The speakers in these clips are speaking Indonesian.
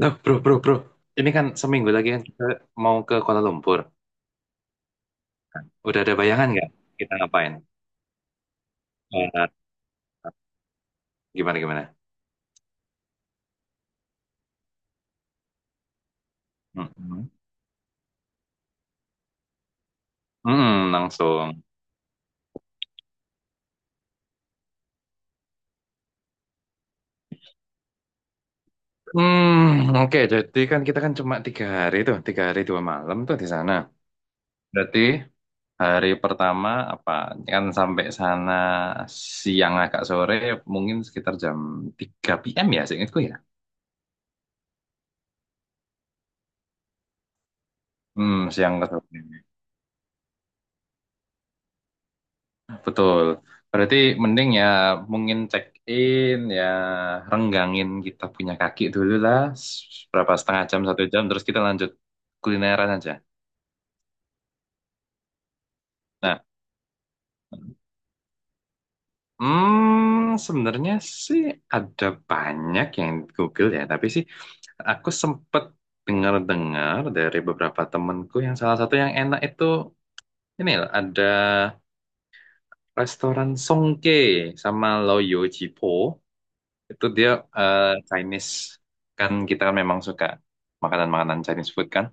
Nah, bro, bro, bro. Ini kan seminggu lagi kan kita mau ke Kuala Lumpur. Udah ada bayangan nggak kita ngapain? Eh, gimana gimana? Mm-mm. Langsung. Hmm, oke. Jadi kan kita kan cuma tiga hari tuh, tiga hari dua malam tuh di sana. Berarti hari pertama apa? Kan sampai sana siang agak sore, mungkin sekitar jam 3 PM ya, seingatku ya. Hmm, siang ke sore. Betul. Berarti mending ya mungkin check in ya renggangin kita punya kaki dulu lah berapa setengah jam satu jam terus kita lanjut kulineran aja. Nah, sebenarnya sih ada banyak yang di Google ya, tapi sih aku sempet dengar-dengar dari beberapa temenku yang salah satu yang enak itu ini loh, ada restoran Songke sama Loyo Jipo. Itu dia eh, Chinese. Kan kita kan memang suka makanan-makanan Chinese food kan.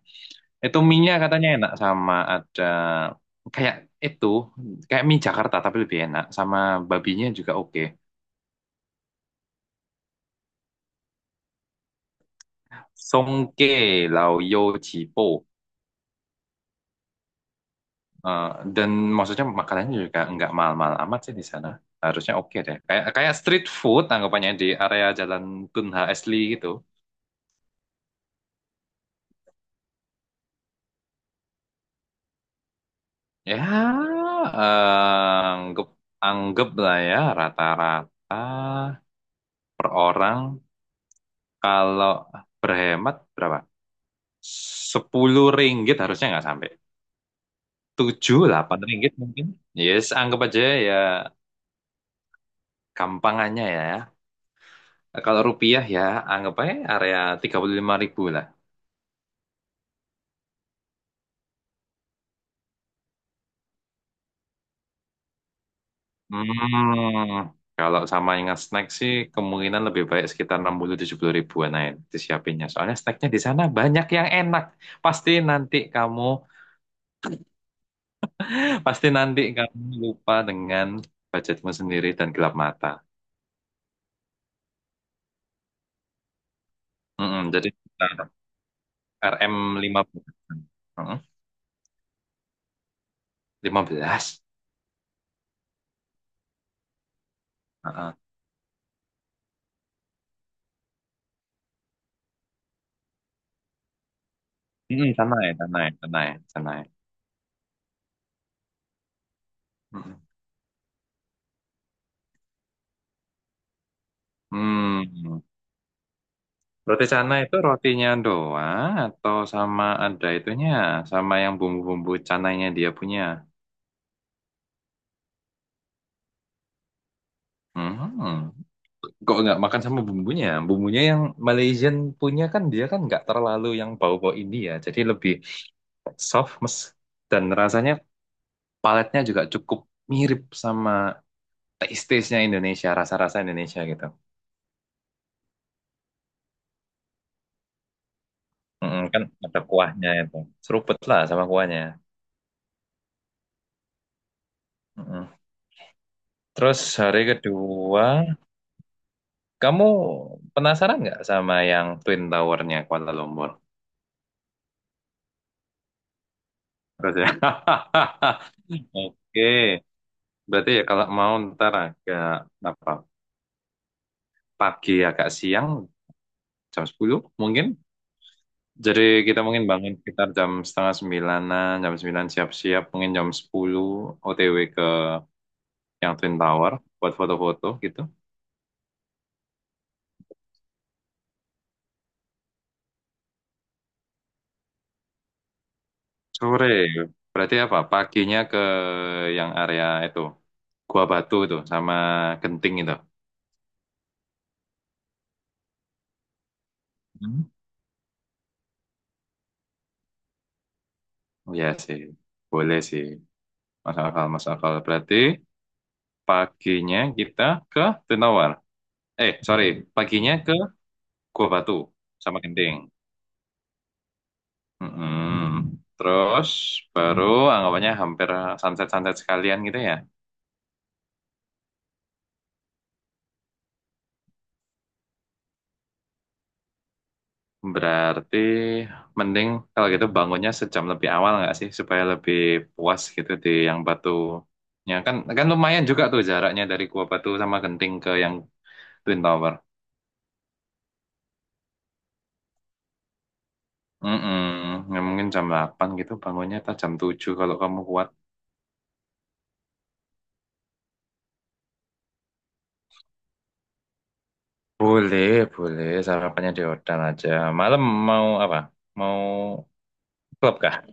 Itu mie-nya katanya enak sama ada kayak itu, kayak mie Jakarta tapi lebih enak. Sama babinya juga oke. Songke Lao Yo Chi. Eh, dan maksudnya makanannya juga nggak mahal-mahal amat sih di sana. Harusnya oke deh. Kayak kayak street food anggapannya di area Jalan Tun H. Asli gitu. Ya, anggap anggap lah ya rata-rata per orang kalau berhemat berapa? 10 ringgit harusnya nggak sampai. 7-8 ringgit mungkin. Yes, anggap aja ya gampangannya ya. Kalau rupiah ya anggap aja area 35.000 lah. Hmm, kalau sama ingat snack sih kemungkinan lebih baik sekitar 60-70 ribuan aja disiapinnya. Soalnya snacknya di sana banyak yang enak. Pasti nanti kamu, pasti nanti kamu lupa dengan budgetmu sendiri dan gelap mata. Mm-mm, jadi sekitar RM 15. Mm-mm, 15. Heeh. Mm-mm, sana ya, sana ya, sana ya, sana ya. Mm-mm. Hmm. Roti canai itu rotinya doang atau sama ada itunya, sama yang bumbu-bumbu canainya dia punya. Hmm. Kok nggak makan sama bumbunya? Bumbunya yang Malaysian punya kan dia kan nggak terlalu yang bau-bau India, jadi lebih soft mes dan rasanya paletnya juga cukup mirip sama taste-taste-nya Indonesia, rasa-rasa Indonesia gitu. Mm-mm, kan ada kuahnya itu, seruput lah sama kuahnya. Mm-mm. Terus hari kedua. Kamu penasaran nggak sama yang Twin Tower-nya Kuala Lumpur? Terus ya. Oke, berarti ya kalau mau ntar agak apa pagi agak siang jam 10 mungkin. Jadi kita mungkin bangun sekitar jam setengah sembilanan, jam 9 siap-siap, mungkin jam 10 OTW ke yang Twin Tower buat foto-foto gitu. Sore, berarti apa? Paginya ke yang area itu, Gua Batu itu sama Genting itu. Oh ya sih, boleh sih. Masuk akal, masuk akal. Berarti paginya kita ke Tunawar. Eh, sorry, paginya ke Gua Batu sama Genting. Mm-mm. Terus baru anggapannya hampir sunset-sunset sekalian gitu ya. Berarti mending kalau gitu bangunnya sejam lebih awal nggak sih supaya lebih puas gitu di yang Batunya kan kan lumayan juga tuh jaraknya dari Gua Batu sama Genting ke yang Twin Tower. Ya, mungkin jam 8 gitu bangunnya atau jam 7 kalau kamu kuat. Boleh, boleh. Sarapannya di hotel aja. Malam mau apa? Mau klub kah?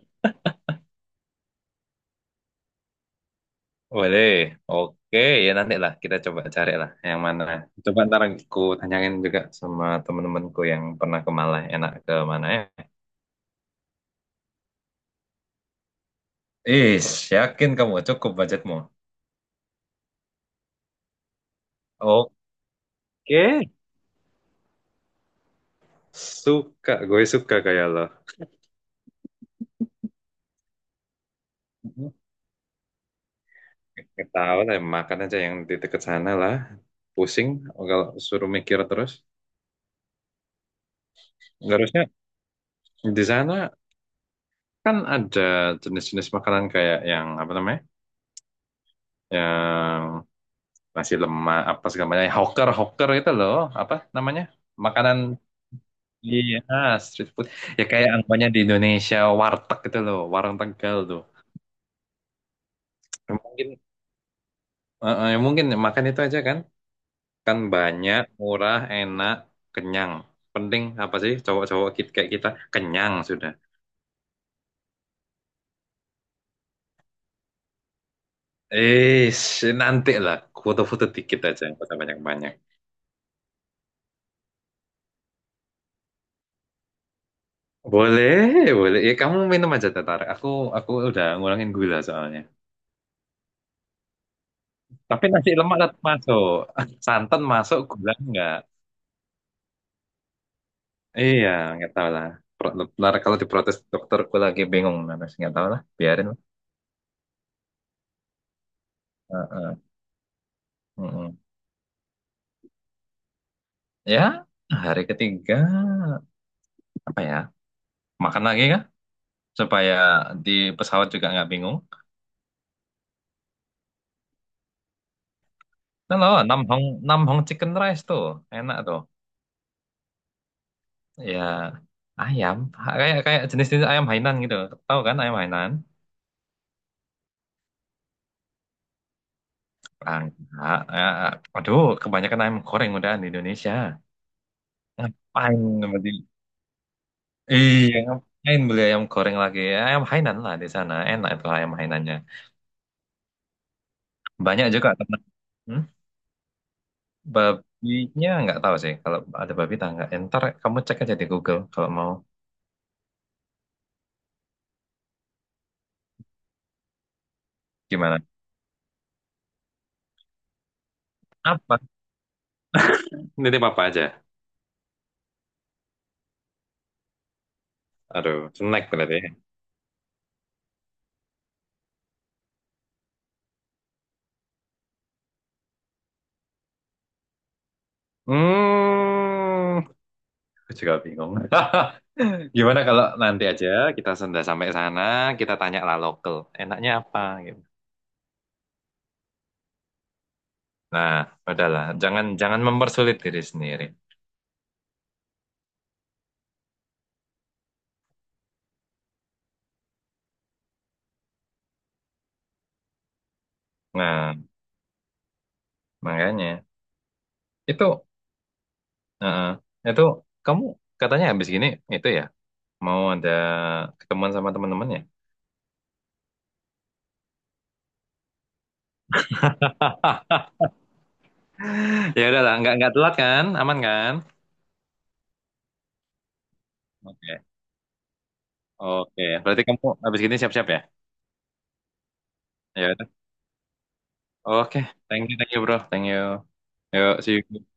Boleh. Oke, ya nanti lah kita coba cari lah yang mana. Coba ntar aku tanyain juga sama temen-temenku yang pernah ke Malah enak ke mana ya. Is, yakin kamu cukup budgetmu? Oke. Suka, gue suka kayak lo. Nggak tahu lah, makan aja yang di dekat sana lah. Pusing kalau suruh mikir terus. Nggak harusnya di sana kan ada jenis-jenis makanan kayak yang apa namanya? Yang nasi lemak apa segala macam. Hawker, hawker itu loh, apa namanya? Makanan. Iya, street food. Ya kayak anggapannya di Indonesia warteg gitu loh, warung Tegal tuh. Ya Mungkin ya mungkin makan itu aja kan. Kan banyak, murah, enak, kenyang. Penting apa sih cowok-cowok kayak kita? Kenyang sudah. Eh, nanti lah. Foto-foto dikit aja, nggak usah banyak-banyak. Boleh, boleh. Ya, kamu minum aja tetar. Aku udah ngurangin gula soalnya. Tapi nasi lemak tetap masuk. Santan masuk, gula enggak. Iya, nggak tahu lah. Pro- Ntar kalau diprotes dokterku lagi bingung. Nanti nggak tahu lah, biarin lah. Heeh, heeh. Ya, hari ketiga apa ya? Makan lagi kah? Supaya di pesawat juga nggak bingung. Nah, loh, Nam Hong Nam Hong Chicken Rice tuh enak tuh. Ya ayam kayak kayak jenis-jenis ayam Hainan gitu. Tahu kan ayam Hainan? Ah, enggak. Ah, ah. Aduh, kebanyakan ayam goreng udah di Indonesia. Ngapain berarti? Iya, ngapain beli ayam goreng lagi? Ayam Hainan lah di sana. Enak itu ayam Hainannya. Banyak juga teman. Hmm? Babinya nggak tahu sih. Kalau ada babi tak nggak. Ntar kamu cek aja di Google kalau mau. Gimana? Apa? Nitip apa aja? Aduh, snack berarti. Hmm, aku juga bingung. Gimana kalau nanti aja kita sudah sampai sana, kita tanya lah lokal, enaknya apa gitu. Nah, udahlah, jangan jangan mempersulit diri sendiri. Nah, makanya itu, eh, itu kamu katanya habis gini itu ya mau ada ketemuan sama teman temannya ya? Ya udahlah, nggak telat kan, aman kan? Oke, Oke, berarti kamu habis gini siap-siap ya? Ya Oke, thank you bro, thank you. Yuk, see you.